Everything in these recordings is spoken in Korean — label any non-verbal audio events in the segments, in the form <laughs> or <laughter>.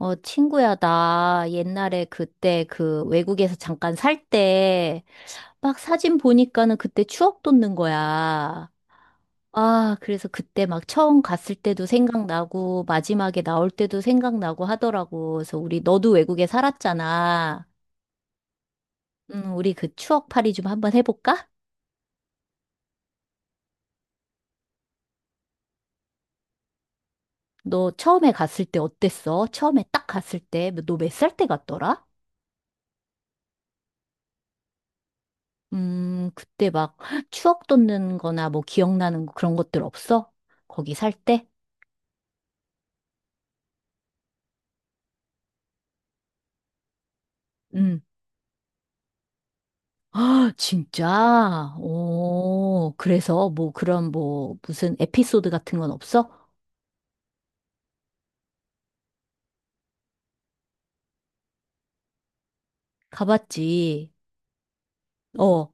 어, 친구야, 나 옛날에 그때 그 외국에서 잠깐 살 때 막 사진 보니까는 그때 추억 돋는 거야. 아, 그래서 그때 막 처음 갔을 때도 생각나고 마지막에 나올 때도 생각나고 하더라고. 그래서 우리 너도 외국에 살았잖아. 우리 그 추억팔이 좀 한번 해볼까? 너 처음에 갔을 때 어땠어? 처음에 딱 갔을 때, 너 몇 살 때 갔더라? 그때 막 추억 돋는 거나 뭐 기억나는 거 그런 것들 없어? 거기 살 때? 음. 아, 진짜? 오, 그래서 뭐 그런 뭐 무슨 에피소드 같은 건 없어? 가봤지. 어, 어,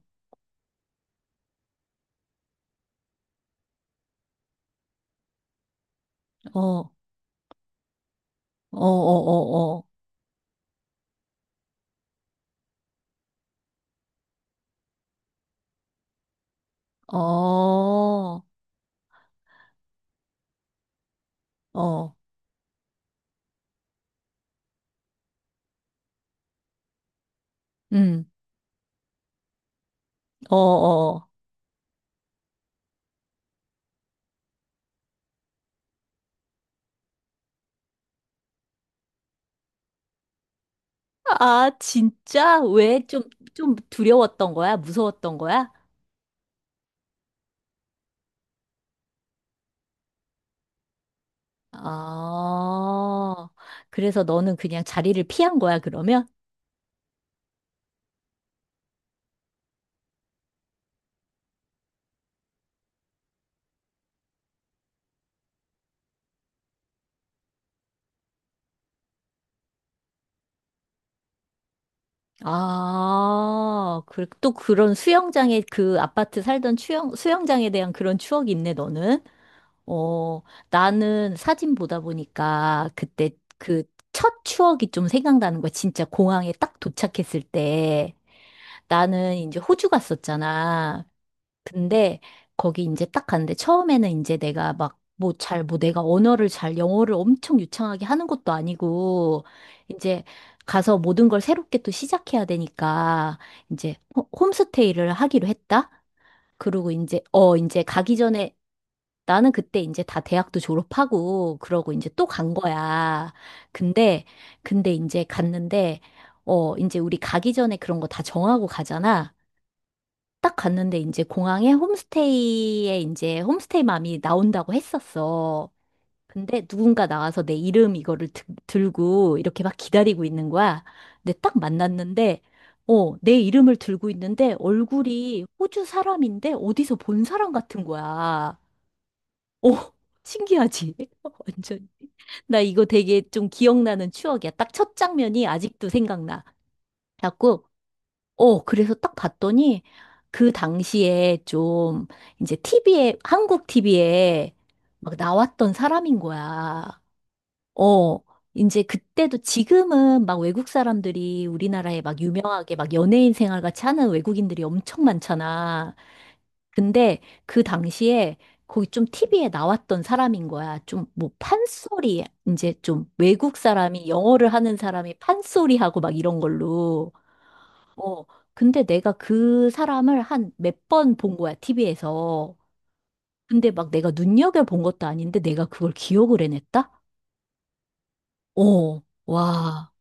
어, 어, 어, 어, 어, 어, 음, 어, 어. 아, 진짜? 왜 좀, 좀 두려웠던 거야? 무서웠던 거야? 아, 그래서 너는 그냥 자리를 피한 거야, 그러면? 아, 그, 또 그런 수영장에 그 아파트 살던 수영장에 대한 그런 추억이 있네, 너는? 어, 나는 사진 보다 보니까 그때 그 첫 추억이 좀 생각나는 거야. 진짜 공항에 딱 도착했을 때. 나는 이제 호주 갔었잖아. 근데 거기 이제 딱 갔는데 처음에는 이제 내가 막 뭐 잘 뭐 내가 언어를 잘 영어를 엄청 유창하게 하는 것도 아니고 이제 가서 모든 걸 새롭게 또 시작해야 되니까 이제 홈스테이를 하기로 했다. 그리고 이제 어 이제 가기 전에 나는 그때 이제 다 대학도 졸업하고 그러고 이제 또 간 거야. 근데 근데 이제 갔는데 어 이제 우리 가기 전에 그런 거 다 정하고 가잖아. 딱 갔는데 이제 공항에 홈스테이에 이제 홈스테이 맘이 나온다고 했었어. 근데 누군가 나와서 내 이름 이거를 들고 이렇게 막 기다리고 있는 거야. 근데 딱 만났는데, 어, 내 이름을 들고 있는데 얼굴이 호주 사람인데 어디서 본 사람 같은 거야. 어, 신기하지? <laughs> 완전. 나 이거 되게 좀 기억나는 추억이야. 딱 첫 장면이 아직도 생각나. 자꾸 어, 그래서 딱 봤더니 그 당시에 좀 이제 티비에 한국 TV에 막 나왔던 사람인 거야. 어, 이제 그때도 지금은 막 외국 사람들이 우리나라에 막 유명하게 막 연예인 생활 같이 하는 외국인들이 엄청 많잖아. 근데 그 당시에 거기 좀 TV에 나왔던 사람인 거야. 좀 뭐 판소리, 이제 좀 외국 사람이 영어를 하는 사람이 판소리 하고 막 이런 걸로. 어, 근데 내가 그 사람을 한 몇 번 본 거야, TV에서. 근데 막 내가 눈여겨본 것도 아닌데 내가 그걸 기억을 해냈다? 어, 와.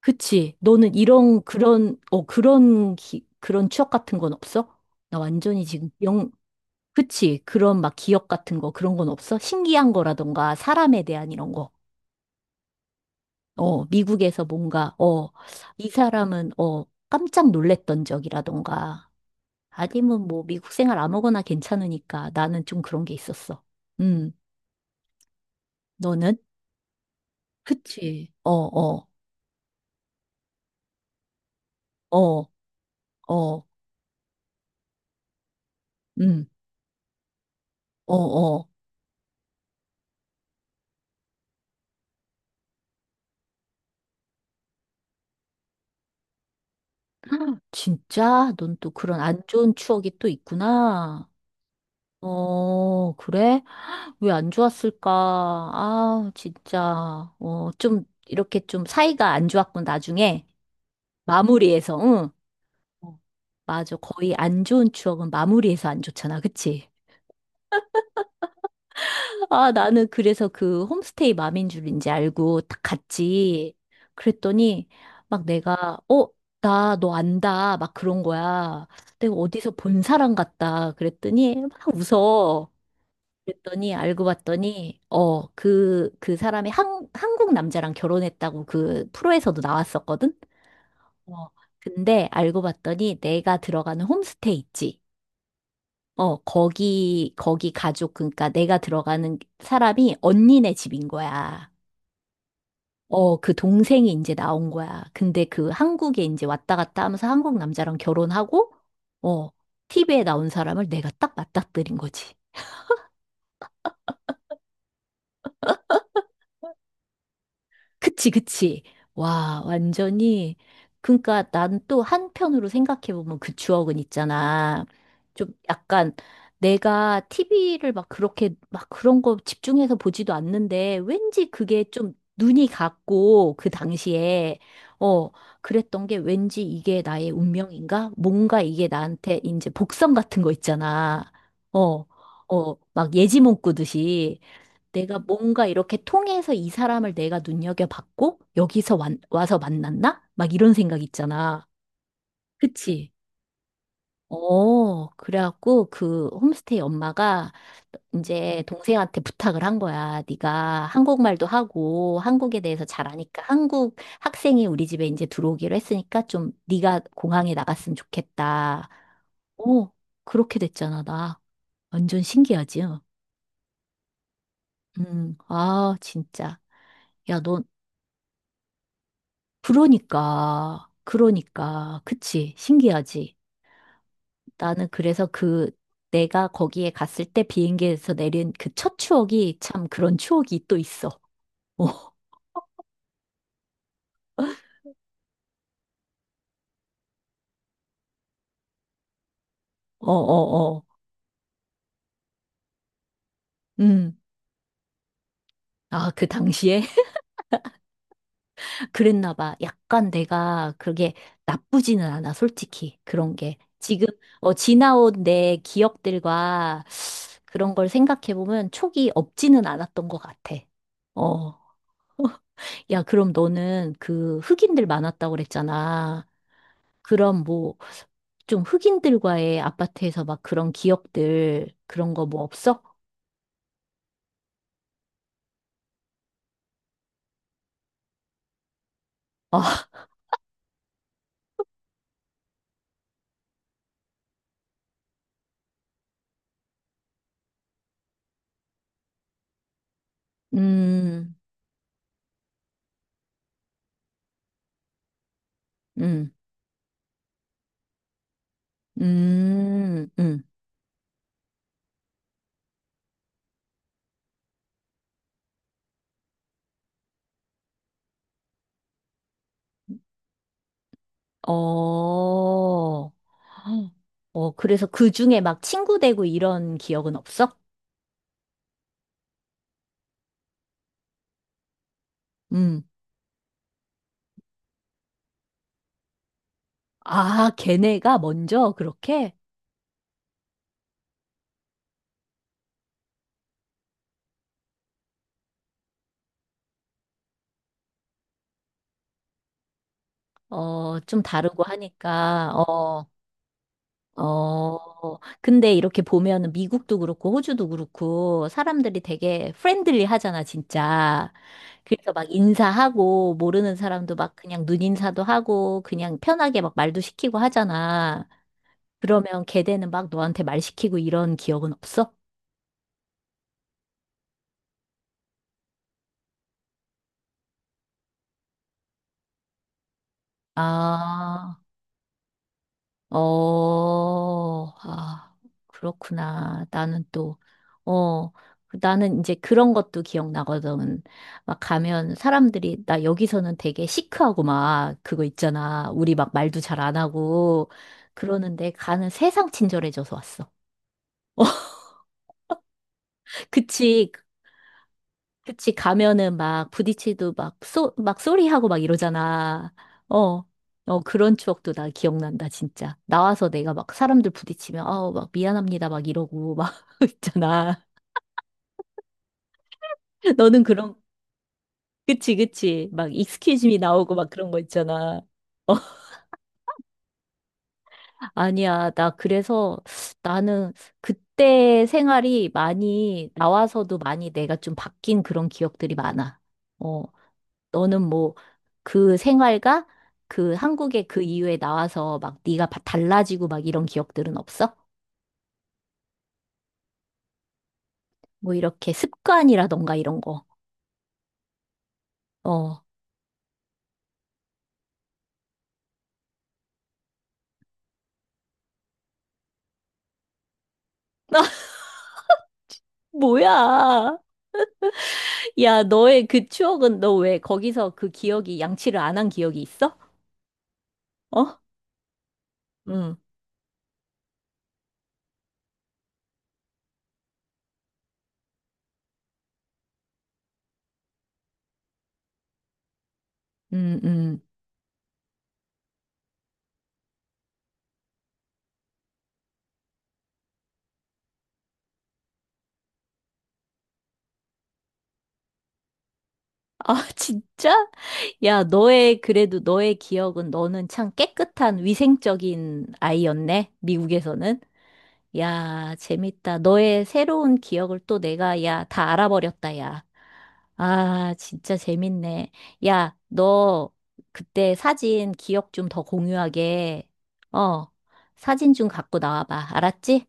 그치. 너는 이런, 그런, 그런, 그런 추억 같은 건 없어? 나 완전히 지금 영, 그치. 그런 막 기억 같은 거, 그런 건 없어? 신기한 거라던가, 사람에 대한 이런 거. 어, 미국에서 뭔가, 어, 이 사람은, 어, 깜짝 놀랬던 적이라던가. 아니면 뭐 미국 생활 아무거나 괜찮으니까 나는 좀 그런 게 있었어. 음, 너는? 그치. 어, 어, 어, 어, 음, 어, 어. 헉, 진짜? 넌 또 그런 안 좋은 추억이 또 있구나. 어, 그래? 왜 안 좋았을까? 아, 진짜. 어, 좀, 이렇게 좀 사이가 안 좋았군, 나중에. 마무리해서, 응. 어, 맞아. 거의 안 좋은 추억은 마무리해서 안 좋잖아. 그치? 아, 나는 그래서 그 홈스테이 맘인 줄인지 알고 딱 갔지. 그랬더니 막 내가, 어, 나 너 안다. 막 그런 거야. 내가 어디서 본 사람 같다. 그랬더니 막 웃어. 그랬더니 알고 봤더니, 어, 그 사람이 한국 남자랑 결혼했다고 그 프로에서도 나왔었거든? 어, 근데 알고 봤더니 내가 들어가는 홈스테이 있지. 어, 거기 가족, 그러니까 내가 들어가는 사람이 언니네 집인 거야. 어, 그 동생이 이제 나온 거야. 근데 그 한국에 이제 왔다 갔다 하면서 한국 남자랑 결혼하고, 어, TV에 나온 사람을 내가 딱 맞닥뜨린 거지. 그치, 그치. 와, 완전히. 그러니까 난 또 한편으로 생각해보면 그 추억은 있잖아. 좀 약간 내가 TV를 막 그렇게 막 그런 거 집중해서 보지도 않는데 왠지 그게 좀 눈이 갔고 그 당시에 어, 그랬던 게 왠지 이게 나의 운명인가? 뭔가 이게 나한테 이제 복선 같은 거 있잖아. 어, 어, 막 예지몽 꾸듯이. 내가 뭔가 이렇게 통해서 이 사람을 내가 눈여겨봤고, 여기서 와서 만났나? 막 이런 생각 있잖아. 그치? 어, 그래갖고 그 홈스테이 엄마가 이제 동생한테 부탁을 한 거야. 네가 한국말도 하고 한국에 대해서 잘 아니까 한국 학생이 우리 집에 이제 들어오기로 했으니까 좀 네가 공항에 나갔으면 좋겠다. 어, 그렇게 됐잖아, 나. 완전 신기하지? 아, 진짜. 야, 넌 그러니까, 그러니까, 그치, 신기하지. 나는 그래서 그, 내가 거기에 갔을 때 비행기에서 내린 그 첫 추억이 참 그런 추억이 또 있어. <laughs> 어, 어, 어, 어. 음. 아, 그 당시에? <laughs> 그랬나 봐. 약간 내가 그게 나쁘지는 않아, 솔직히. 그런 게. 지금, 어, 지나온 내 기억들과 그런 걸 생각해보면 촉이 없지는 않았던 것 같아. 어. 야, 그럼 너는 그 흑인들 많았다고 그랬잖아. 그럼 뭐, 좀 흑인들과의 아파트에서 막 그런 기억들, 그런 거 뭐 없어? 아, 음, 음, 음, 음, 어, 어, 그래서 그 중에 막 친구 되고 이런 기억은 없어? 음, 아, 걔네가 먼저 그렇게? 어, 좀 다르고 하니까, 어. 어, 근데 이렇게 보면은 미국도 그렇고 호주도 그렇고 사람들이 되게 프렌들리 하잖아, 진짜. 그래서 막 인사하고 모르는 사람도 막 그냥 눈인사도 하고 그냥 편하게 막 말도 시키고 하잖아. 그러면 걔네는 막 너한테 말 시키고 이런 기억은 없어? 아, 어, 아, 그렇구나. 나는 또, 어, 나는 이제 그런 것도 기억나거든. 막 가면 사람들이, 나 여기서는 되게 시크하고 막 그거 있잖아. 우리 막 말도 잘 안 하고 그러는데 가는 세상 친절해져서 왔어. <laughs> 그치. 그치, 가면은 막 부딪히도 막 막 소리하고 막 이러잖아. 어, 어, 그런 추억도 나 기억난다, 진짜. 나와서 내가 막 사람들 부딪히면, 어, 막 미안합니다, 막 이러고 막 <laughs> 있잖아. 너는 그런, 그치, 그치. 막 익스큐즈 미 나오고 막 그런 거 있잖아. 어, <laughs> 아니야. 나 그래서 나는 그때 생활이 많이, 나와서도 많이 내가 좀 바뀐 그런 기억들이 많아. 어. 너는 뭐 그 생활과 그 한국의 그 이후에 나와서 막 네가 달라지고 막 이런 기억들은 없어? 뭐 이렇게 습관이라던가 이런 거. 어. <laughs> 뭐야? 야, 너의 그 추억은 너 왜 거기서 그 기억이 양치를 안 한 기억이 있어? 어? 응. 음, 음. 아, <laughs> 진짜? 야, 너의 그래도 너의 기억은 너는 참 깨끗한 위생적인 아이였네. 미국에서는. 야, 재밌다. 너의 새로운 기억을 또 내가, 야, 다 알아버렸다, 야. 아, 진짜 재밌네. 야, 너 그때 사진 기억 좀 더 공유하게. 어, 사진 좀 갖고 나와봐. 알았지?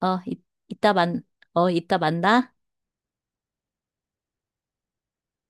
어, 이따 만, 이따 만나.